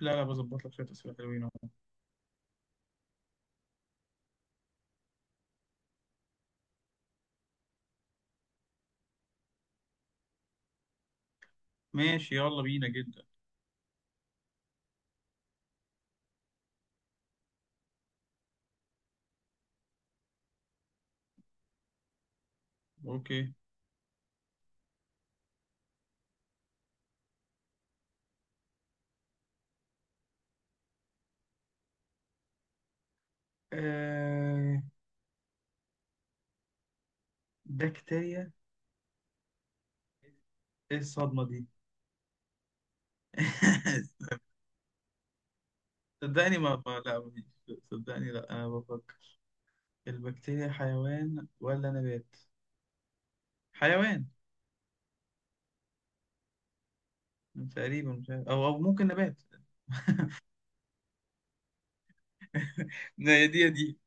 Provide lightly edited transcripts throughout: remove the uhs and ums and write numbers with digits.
لا لا، بظبط لك شوية أسئلة حلوين أهو. ماشي يلا بينا جدا. أوكي. آه... بكتيريا. إيه الصدمة دي؟ صدقني لا مفيش. صدقني لا، أنا بفكر. البكتيريا حيوان ولا نبات؟ حيوان. تقريبا مش عارف، أو ممكن نبات. لا يا دي يا دي.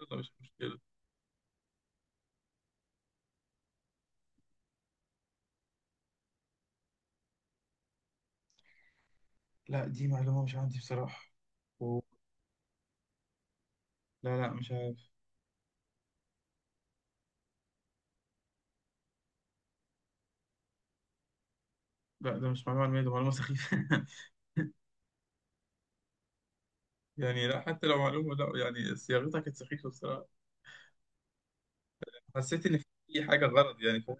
يلا مش مشكلة. لا دي معلومة مش عندي بصراحة. و... لا لا مش عارف. لا ده مش معلومة علمية، ده معلومة سخيفة. يعني لا، حتى لو معلومة، لا يعني صياغتها كانت سخيفة بصراحة. حسيت ان في حاجه غلط، يعني فاهم.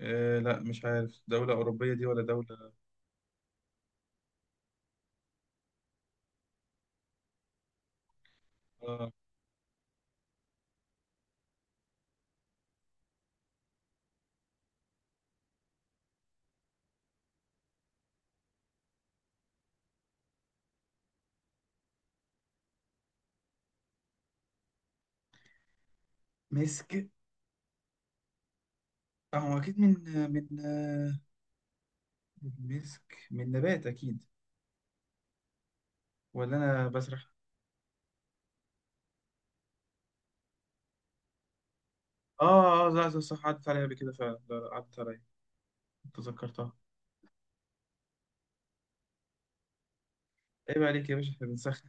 آه لا مش عارف، دوله اوروبيه دي ولا دوله. آه. مسك. اه هو اكيد من من آه، من مسك، من نبات اكيد. ولا انا بسرح. اه اه لا صح صح، عدت عليا قبل كده فعلا. لا، لا، عدت عليا. تذكرتها. عيب عليك يا باشا، احنا بنسخن.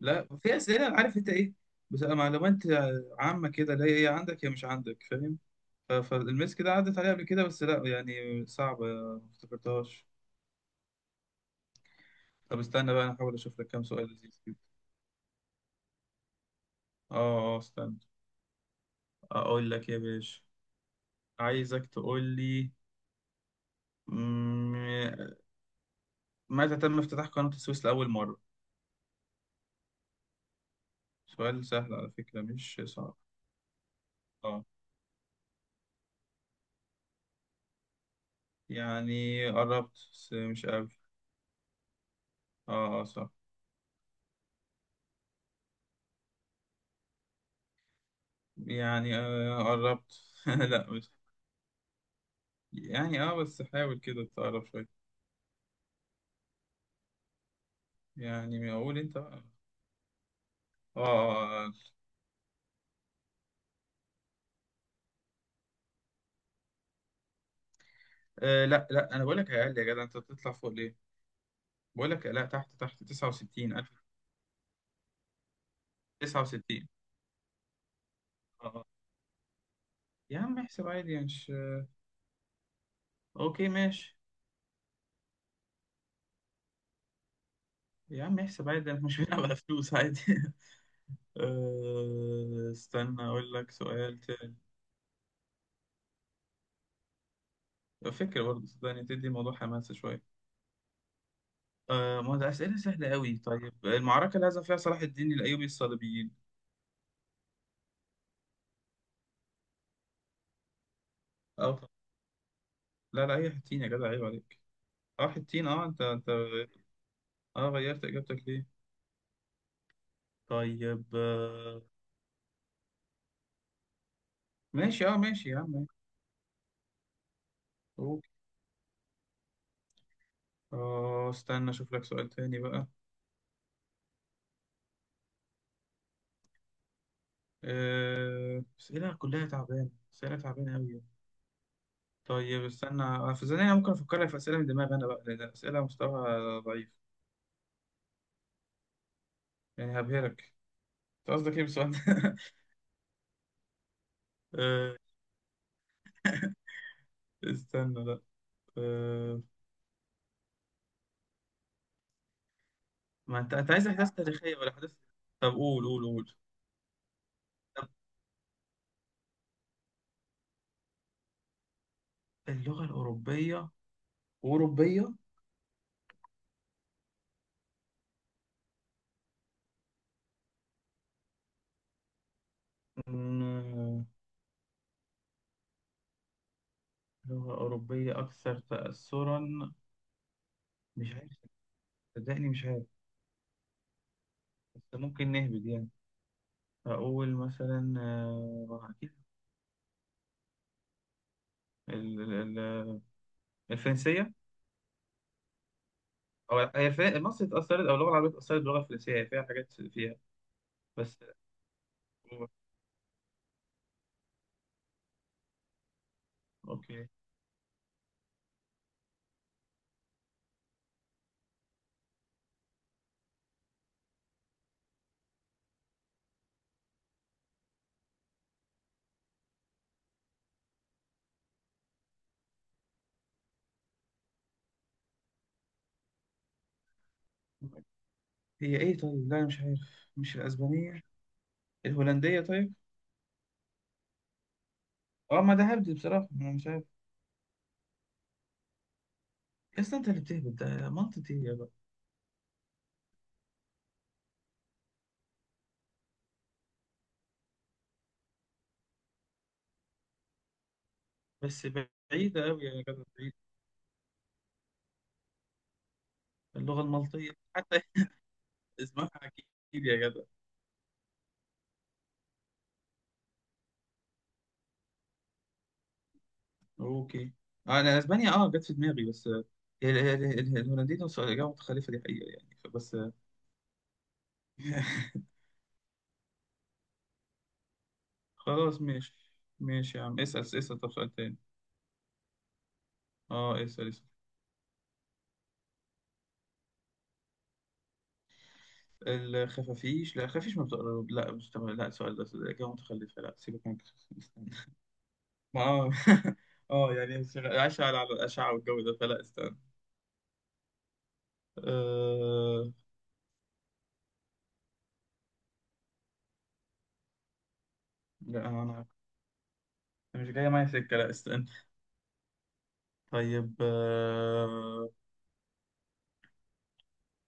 لا في اسئله أنا عارف انت ايه، بتبقى معلومات عامه كده، لا هي عندك يا مش عندك، فاهم. فالمسك ده عدت عليا قبل كده، بس لا يعني صعبه، ما افتكرتهاش. طب استنى بقى انا احاول اشوف لك كام سؤال لذيذ كده. اه اه استنى. اقول لك يا باشا، عايزك تقول لي، مم، متى تم افتتاح قناة السويس لأول مرة؟ سؤال سهل على فكرة، مش صعب. اه يعني قربت بس مش قوي. اه اه صح. يعني آه قربت. لا مش. يعني اه بس حاول كده تقرب شوية. يعني اقول انت بقى. اه. آه، آه. لا لا، انا بقول لك اقل، يا جدع انت بتطلع فوق ليه؟ بقول لك لا، تحت تحت 69 1000. 69. اه. يا عم احسب عادي يعني مش. اوكي ماشي. يا عم احسب عادي، احنا مش بنلعب على فلوس عادي. استنى اقول لك سؤال تاني. فكرة برضه صدقني، تدي الموضوع حماسة شوية. ما ده اسئلة سهلة قوي. طيب المعركة اللي هزم فيها صلاح الدين الايوبي الصليبيين؟ اه طب. لا لا اي حتين، يا جدع عيب عليك. اه حتين اه، انت اه غيرت اجابتك ليه؟ طيب ماشي اه ماشي يا عم. اوكي. اه استنى اشوف لك سؤال تاني بقى. اسئلة كلها تعبانة، اسئلة تعبانة قوي. طيب استنى في ثانية، أنا ممكن أفكر لك في أسئلة من دماغي أنا بقى، لأن أسئلة مستوى ضعيف. يعني هبهرك. أنت قصدك إيه بالسؤال ده؟ آه، استنى لا. آه، ما أنت أنت عايز أحداث تاريخية ولا أحداث. طب قول. طب اللغة الأوروبية، أوروبية. مم، لغة أوروبية أكثر تأثرا. مش عارف، صدقني مش عارف. بس ممكن نهبد يعني. أقول مثلا أكيد ال- ال- ال- الفرنسية. هو هي فيها مصر اتأثرت، أو اللغة العربية اتأثرت باللغة الفرنسية، هي فيها حاجات فيها. بس هو- أوكي. هي إيه طيب؟ لا أنا مش عارف. مش الأسبانية؟ الهولندية طيب؟ أه ما ده هبد بصراحة، أنا مش عارف. أصل أنت اللي بتهبد ده منطقي يا بقى. بس بعيدة أوي يا جدع، بعيدة. اللغة المالطية حتى. اسمها أكيد. يا جدع. أوكي. أنا أسبانيا أه جت في دماغي، بس ال- الهولنديين وصلوا إجابة متخلفة دي حقيقة يعني بس. خلاص ماشي. ماشي يا عم، اسأل اسأل، طب سؤال تاني. اه اسال. اسال الخفافيش. لا خفافيش ما بتقرب، لا مش تمام، لا السؤال ده الاجابه متخلفه، لا سيبك من الخفافيش، استنى. ما اه اه يعني عايشه على الاشعه والجو ده، فلا استنى. أه... لا انا. أنا مش جايه معايا سكه، لا استنى. طيب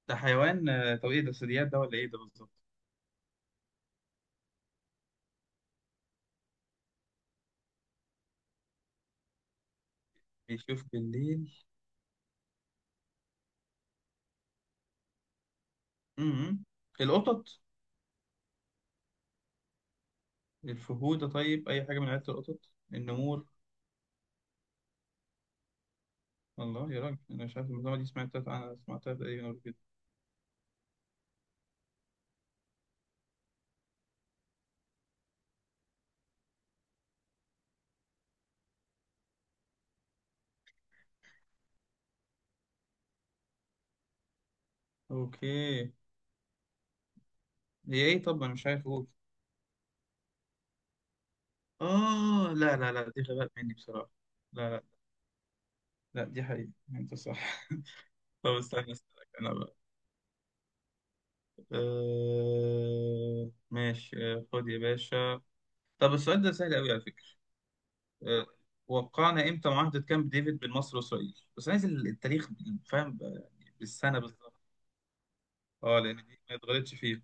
ده حيوان. طب ايه ده، ثدييات ده ولا ايه ده بالظبط؟ بيشوف بالليل. امم. القطط؟ الفهود طيب، اي حاجه من عيله القطط، النمور؟ الله يا راجل، انا مش عارف المعلومه دي، سمعتها انا سمعتها تقريبا قبل كده. اوكي. هي ايه طب، انا مش عارف اقول. اه لا لا لا دي غباء مني بصراحة. لا لا. لا دي حقيقة، انت صح. طب استنى اسألك انا بقى. ماشي. خد يا باشا. طب السؤال ده سهل قوي على فكرة. آه... وقعنا امتى معاهدة كامب ديفيد بين مصر واسرائيل، بس عايز التاريخ يعني، فاهم بقى، يعني بالسنة بالظبط. اه لان دي ما اتغلطش فيها.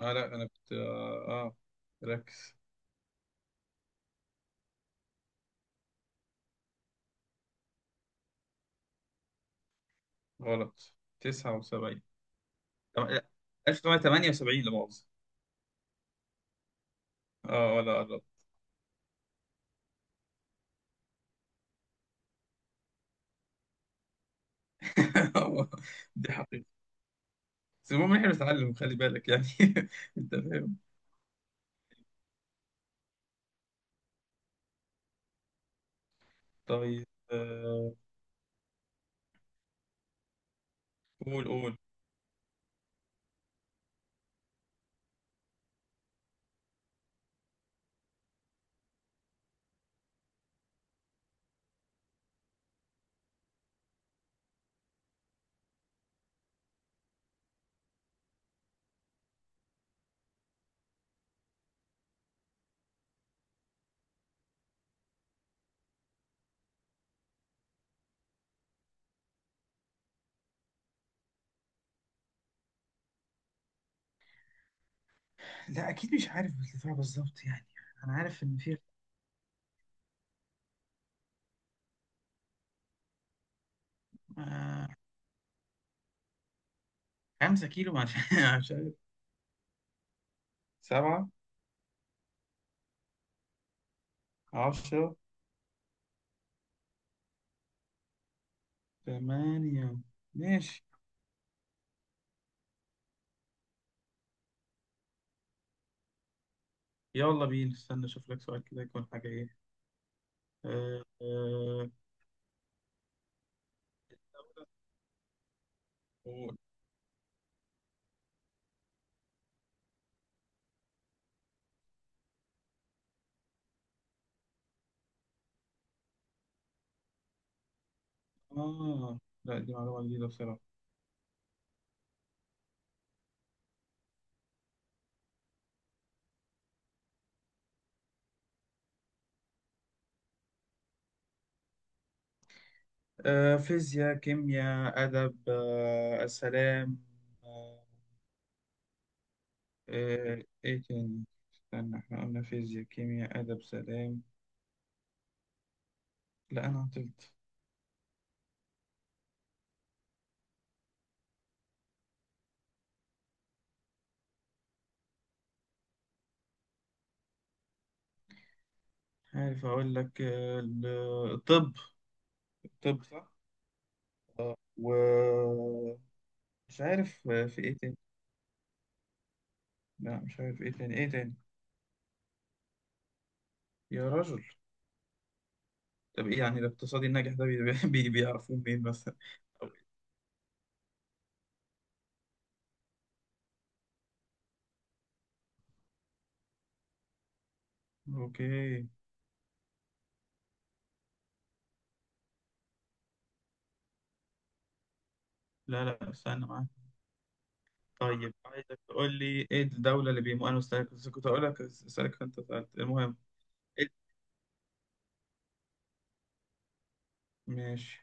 اه لا انا كنت ركز. غلط. 79. لا، 1978 لا مؤاخذة. اه ولا. دي حقيقة. بس المهم إن احنا بنتعلم، خلي بالك يعني. انت فاهم. طيب آه، قول قول. لا اكيد مش عارف الارتفاع بالظبط يعني، انا عارف ان في. آه، خمسة كيلو مش. مش عارف. سبعة. عشرة. ثمانية. ماشي. يلا بينا استنى اشوف لك سؤال كده، يكون حاجة ايه. آه، آه، قول. اه لا دي معلومة جديدة بصراحة. فيزياء، كيمياء، أدب، السلام. آه، ايه تاني؟ استنى، احنا قلنا فيزياء، كيمياء، ادب، سلام. لا انا عطلت. عارف اقول لك الطب. الطب صح. و مش عارف في ايه تاني. لا مش عارف، ايه تاني. يا راجل. طب ايه يعني الاقتصادي الناجح ده بيعرفوه منين مثلا؟ اوكي. لا لا استنى معاك. طيب عايزك تقول لي ايه الدولة اللي بيمو، انا مستني. كنت أقول لك اسألك، انت سألت المهم. إيه؟ ماشي.